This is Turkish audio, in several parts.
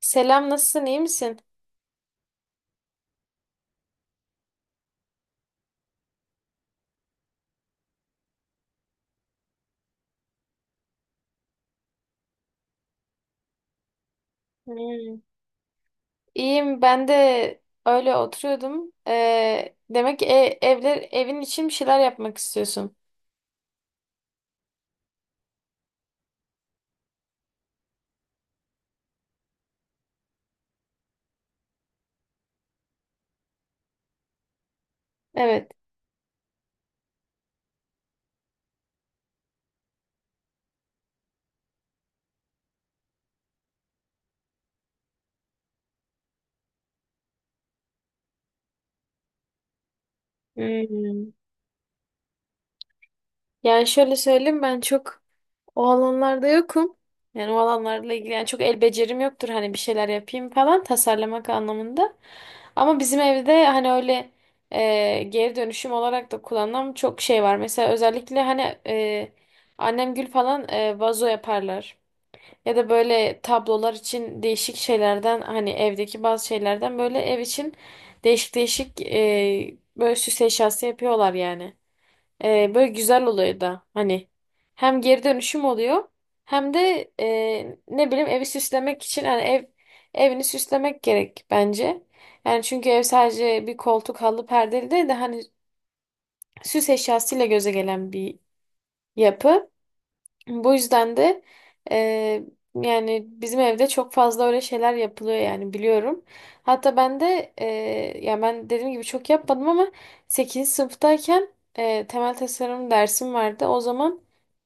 Selam, nasılsın? İyi misin? Hmm. İyiyim, ben de öyle oturuyordum. Demek ki e- evler evin için bir şeyler yapmak istiyorsun. Evet. Hmm. Yani şöyle söyleyeyim, ben çok o alanlarda yokum. Yani o alanlarla ilgili, yani çok el becerim yoktur, hani bir şeyler yapayım falan, tasarlamak anlamında. Ama bizim evde hani öyle geri dönüşüm olarak da kullanılan çok şey var. Mesela özellikle hani annem gül falan vazo yaparlar. Ya da böyle tablolar için değişik şeylerden, hani evdeki bazı şeylerden, böyle ev için değişik değişik böyle süs eşyası yapıyorlar yani. Böyle güzel oluyor da, hani hem geri dönüşüm oluyor, hem de ne bileyim, evi süslemek için. Hani evini süslemek gerek bence. Yani çünkü ev sadece bir koltuk, halı, perdeli değil de, hani süs eşyasıyla göze gelen bir yapı. Bu yüzden de eee, yani bizim evde çok fazla öyle şeyler yapılıyor yani, biliyorum. Hatta ben de ya, ben dediğim gibi çok yapmadım ama sekizinci sınıftayken temel tasarım dersim vardı. O zaman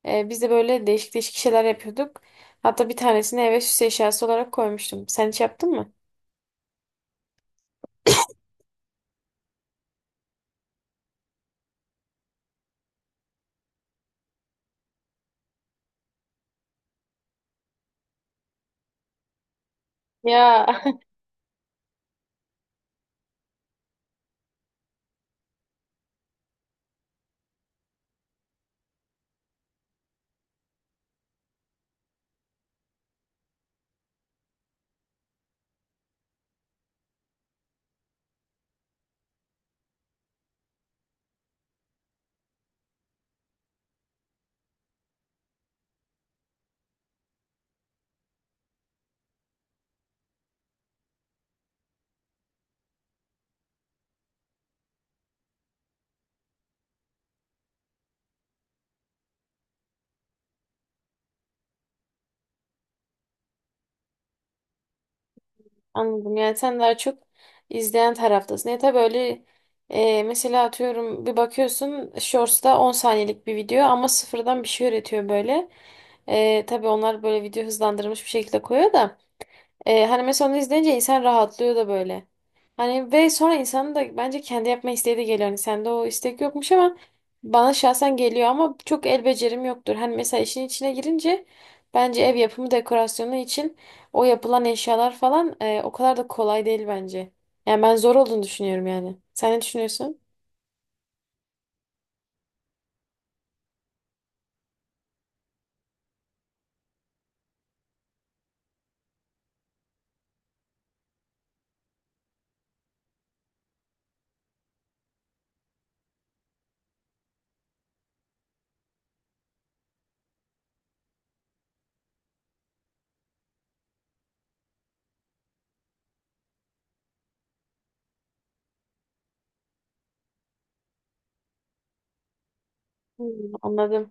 biz de böyle değişik değişik şeyler yapıyorduk. Hatta bir tanesini eve süs eşyası olarak koymuştum. Sen hiç yaptın mı? Ya. Anladım. Yani sen daha çok izleyen taraftasın. Ya tabii, öyle. Mesela atıyorum, bir bakıyorsun Shorts'ta 10 saniyelik bir video, ama sıfırdan bir şey üretiyor böyle. Tabii onlar böyle video hızlandırılmış bir şekilde koyuyor da. Hani mesela onu izleyince insan rahatlıyor da böyle. Hani ve sonra insanın da bence kendi yapma isteği de geliyor. Hani sende o istek yokmuş, ama bana şahsen geliyor. Ama çok el becerim yoktur. Hani mesela işin içine girince, bence ev yapımı dekorasyonu için o yapılan eşyalar falan o kadar da kolay değil bence. Yani ben zor olduğunu düşünüyorum yani. Sen ne düşünüyorsun? Hmm. Anladım.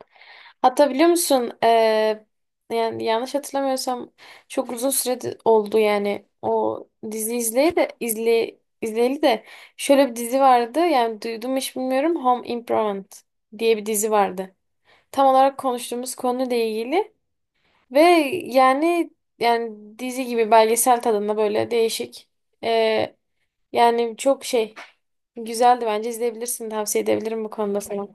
Hatta biliyor musun yani yanlış hatırlamıyorsam çok uzun süre oldu yani o dizi izleyeli de, şöyle bir dizi vardı, yani duydum mu hiç bilmiyorum, Home Improvement diye bir dizi vardı. Tam olarak konuştuğumuz konuyla ilgili ve yani yani dizi gibi, belgesel tadında, böyle değişik eee, yani çok şey, güzeldi bence. İzleyebilirsin tavsiye edebilirim bu konuda sana.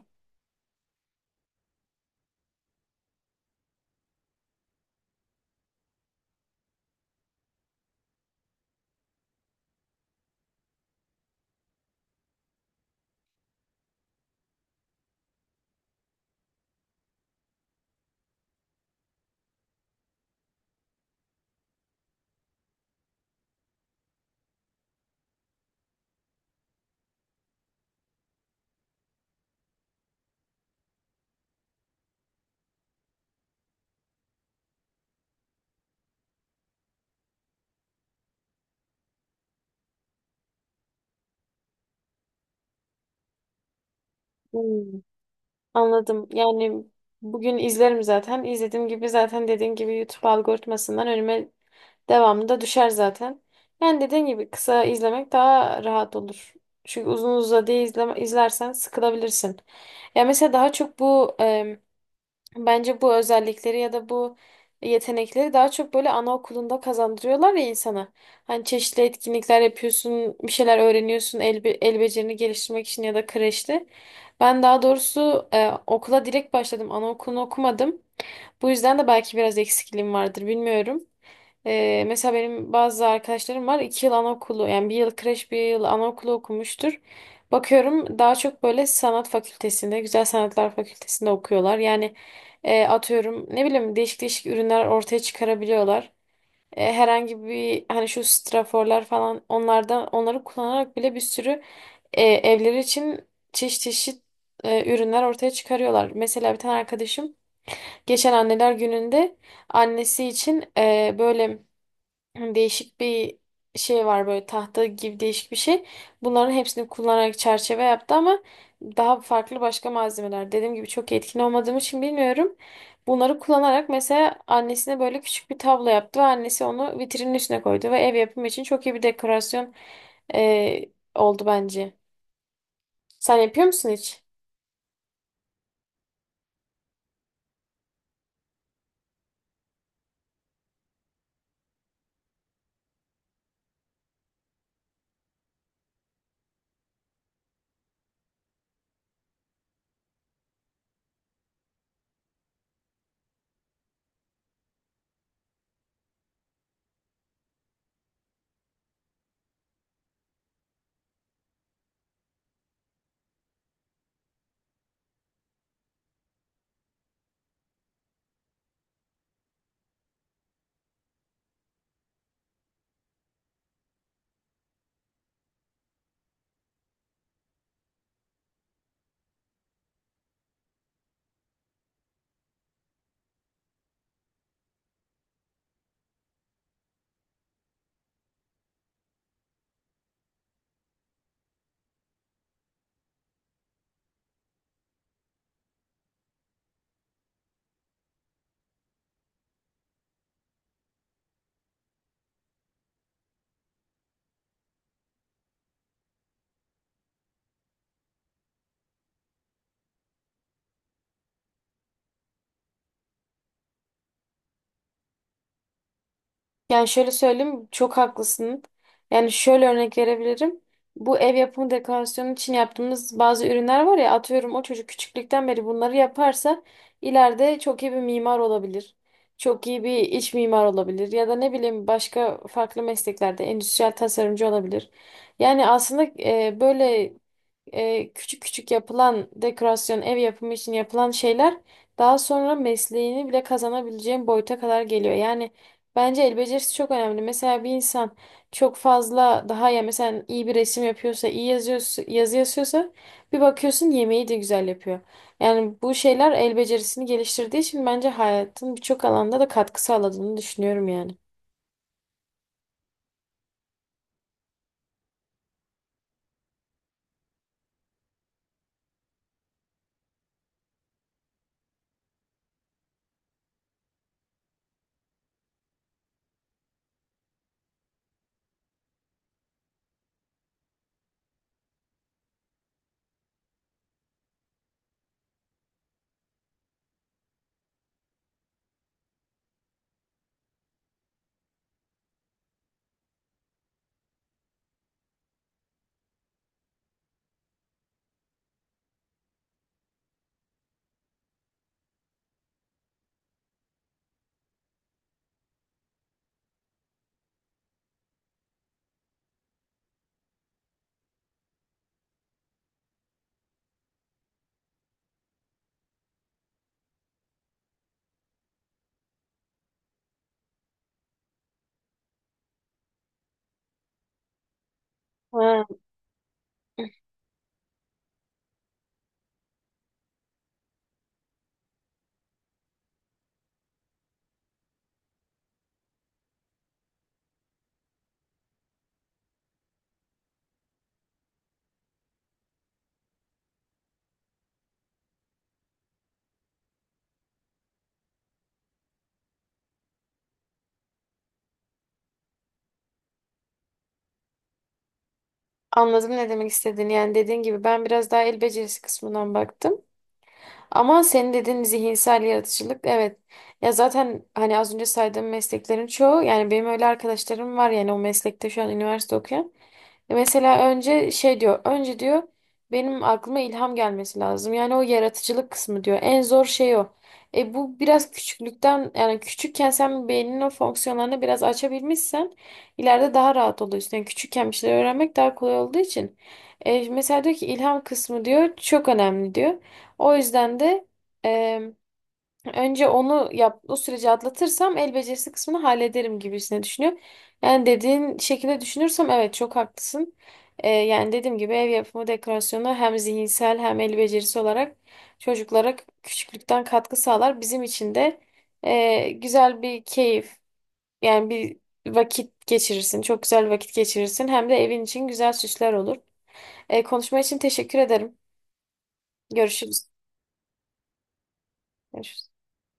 Hmm. Anladım. Yani bugün izlerim zaten. İzlediğim gibi zaten, dediğin gibi YouTube algoritmasından önüme devamlı da düşer zaten. Yani dediğin gibi kısa izlemek daha rahat olur. Çünkü uzun uzadıya izlersen sıkılabilirsin. Ya mesela daha çok Bence bu özellikleri ya da bu yetenekleri daha çok böyle anaokulunda kazandırıyorlar ya insana. Hani çeşitli etkinlikler yapıyorsun, bir şeyler öğreniyorsun el becerini geliştirmek için, ya da kreşte. Ben daha doğrusu okula direkt başladım. Anaokulunu okumadım. Bu yüzden de belki biraz eksikliğim vardır, bilmiyorum. Mesela benim bazı arkadaşlarım var, 2 yıl anaokulu, yani 1 yıl kreş, 1 yıl anaokulu okumuştur. Bakıyorum daha çok böyle sanat fakültesinde, güzel sanatlar fakültesinde okuyorlar. Yani atıyorum, ne bileyim, değişik değişik ürünler ortaya çıkarabiliyorlar. Herhangi bir, hani şu straforlar falan, onları kullanarak bile bir sürü evleri için çeşit çeşit ürünler ortaya çıkarıyorlar. Mesela bir tane arkadaşım geçen anneler gününde annesi için böyle, hani değişik bir şey var, böyle tahta gibi değişik bir şey. Bunların hepsini kullanarak çerçeve yaptı, ama daha farklı başka malzemeler. Dediğim gibi çok etkin olmadığım için bilmiyorum. Bunları kullanarak mesela annesine böyle küçük bir tablo yaptı, ve annesi onu vitrinin üstüne koydu, ve ev yapımı için çok iyi bir dekorasyon eee, oldu bence. Sen yapıyor musun hiç? Yani şöyle söyleyeyim, çok haklısın. Yani şöyle örnek verebilirim. Bu ev yapımı dekorasyonu için yaptığımız bazı ürünler var ya, atıyorum o çocuk küçüklükten beri bunları yaparsa ileride çok iyi bir mimar olabilir. Çok iyi bir iç mimar olabilir, ya da ne bileyim, başka farklı mesleklerde endüstriyel tasarımcı olabilir. Yani aslında böyle küçük küçük yapılan dekorasyon, ev yapımı için yapılan şeyler daha sonra mesleğini bile kazanabileceğin boyuta kadar geliyor. Yani bence el becerisi çok önemli. Mesela bir insan çok fazla, daha ya, mesela iyi bir resim yapıyorsa, yazı yazıyorsa, bir bakıyorsun yemeği de güzel yapıyor. Yani bu şeyler el becerisini geliştirdiği için bence hayatın birçok alanda da katkı sağladığını düşünüyorum yani. Ha, anladım ne demek istediğini. Yani dediğin gibi ben biraz daha el becerisi kısmından baktım. Ama senin dediğin zihinsel yaratıcılık, evet. Ya zaten hani az önce saydığım mesleklerin çoğu, yani benim öyle arkadaşlarım var yani, o meslekte şu an üniversite okuyan. Mesela önce şey diyor, önce diyor benim aklıma ilham gelmesi lazım. Yani o yaratıcılık kısmı diyor. En zor şey o. Bu biraz küçüklükten, yani küçükken sen beyninin o fonksiyonlarını biraz açabilmişsen ileride daha rahat oluyorsun. Yani küçükken bir şeyler öğrenmek daha kolay olduğu için. Mesela diyor ki, ilham kısmı diyor çok önemli diyor. O yüzden de önce onu yap, o süreci atlatırsam el becerisi kısmını hallederim gibisine düşünüyorum. Yani dediğin şekilde düşünürsem, evet, çok haklısın. Yani dediğim gibi, ev yapımı dekorasyonu hem zihinsel hem el becerisi olarak çocuklara küçüklükten katkı sağlar. Bizim için de güzel bir keyif, yani bir vakit geçirirsin. Çok güzel vakit geçirirsin. Hem de evin için güzel süsler olur. Konuşma için teşekkür ederim. Görüşürüz. Görüşürüz.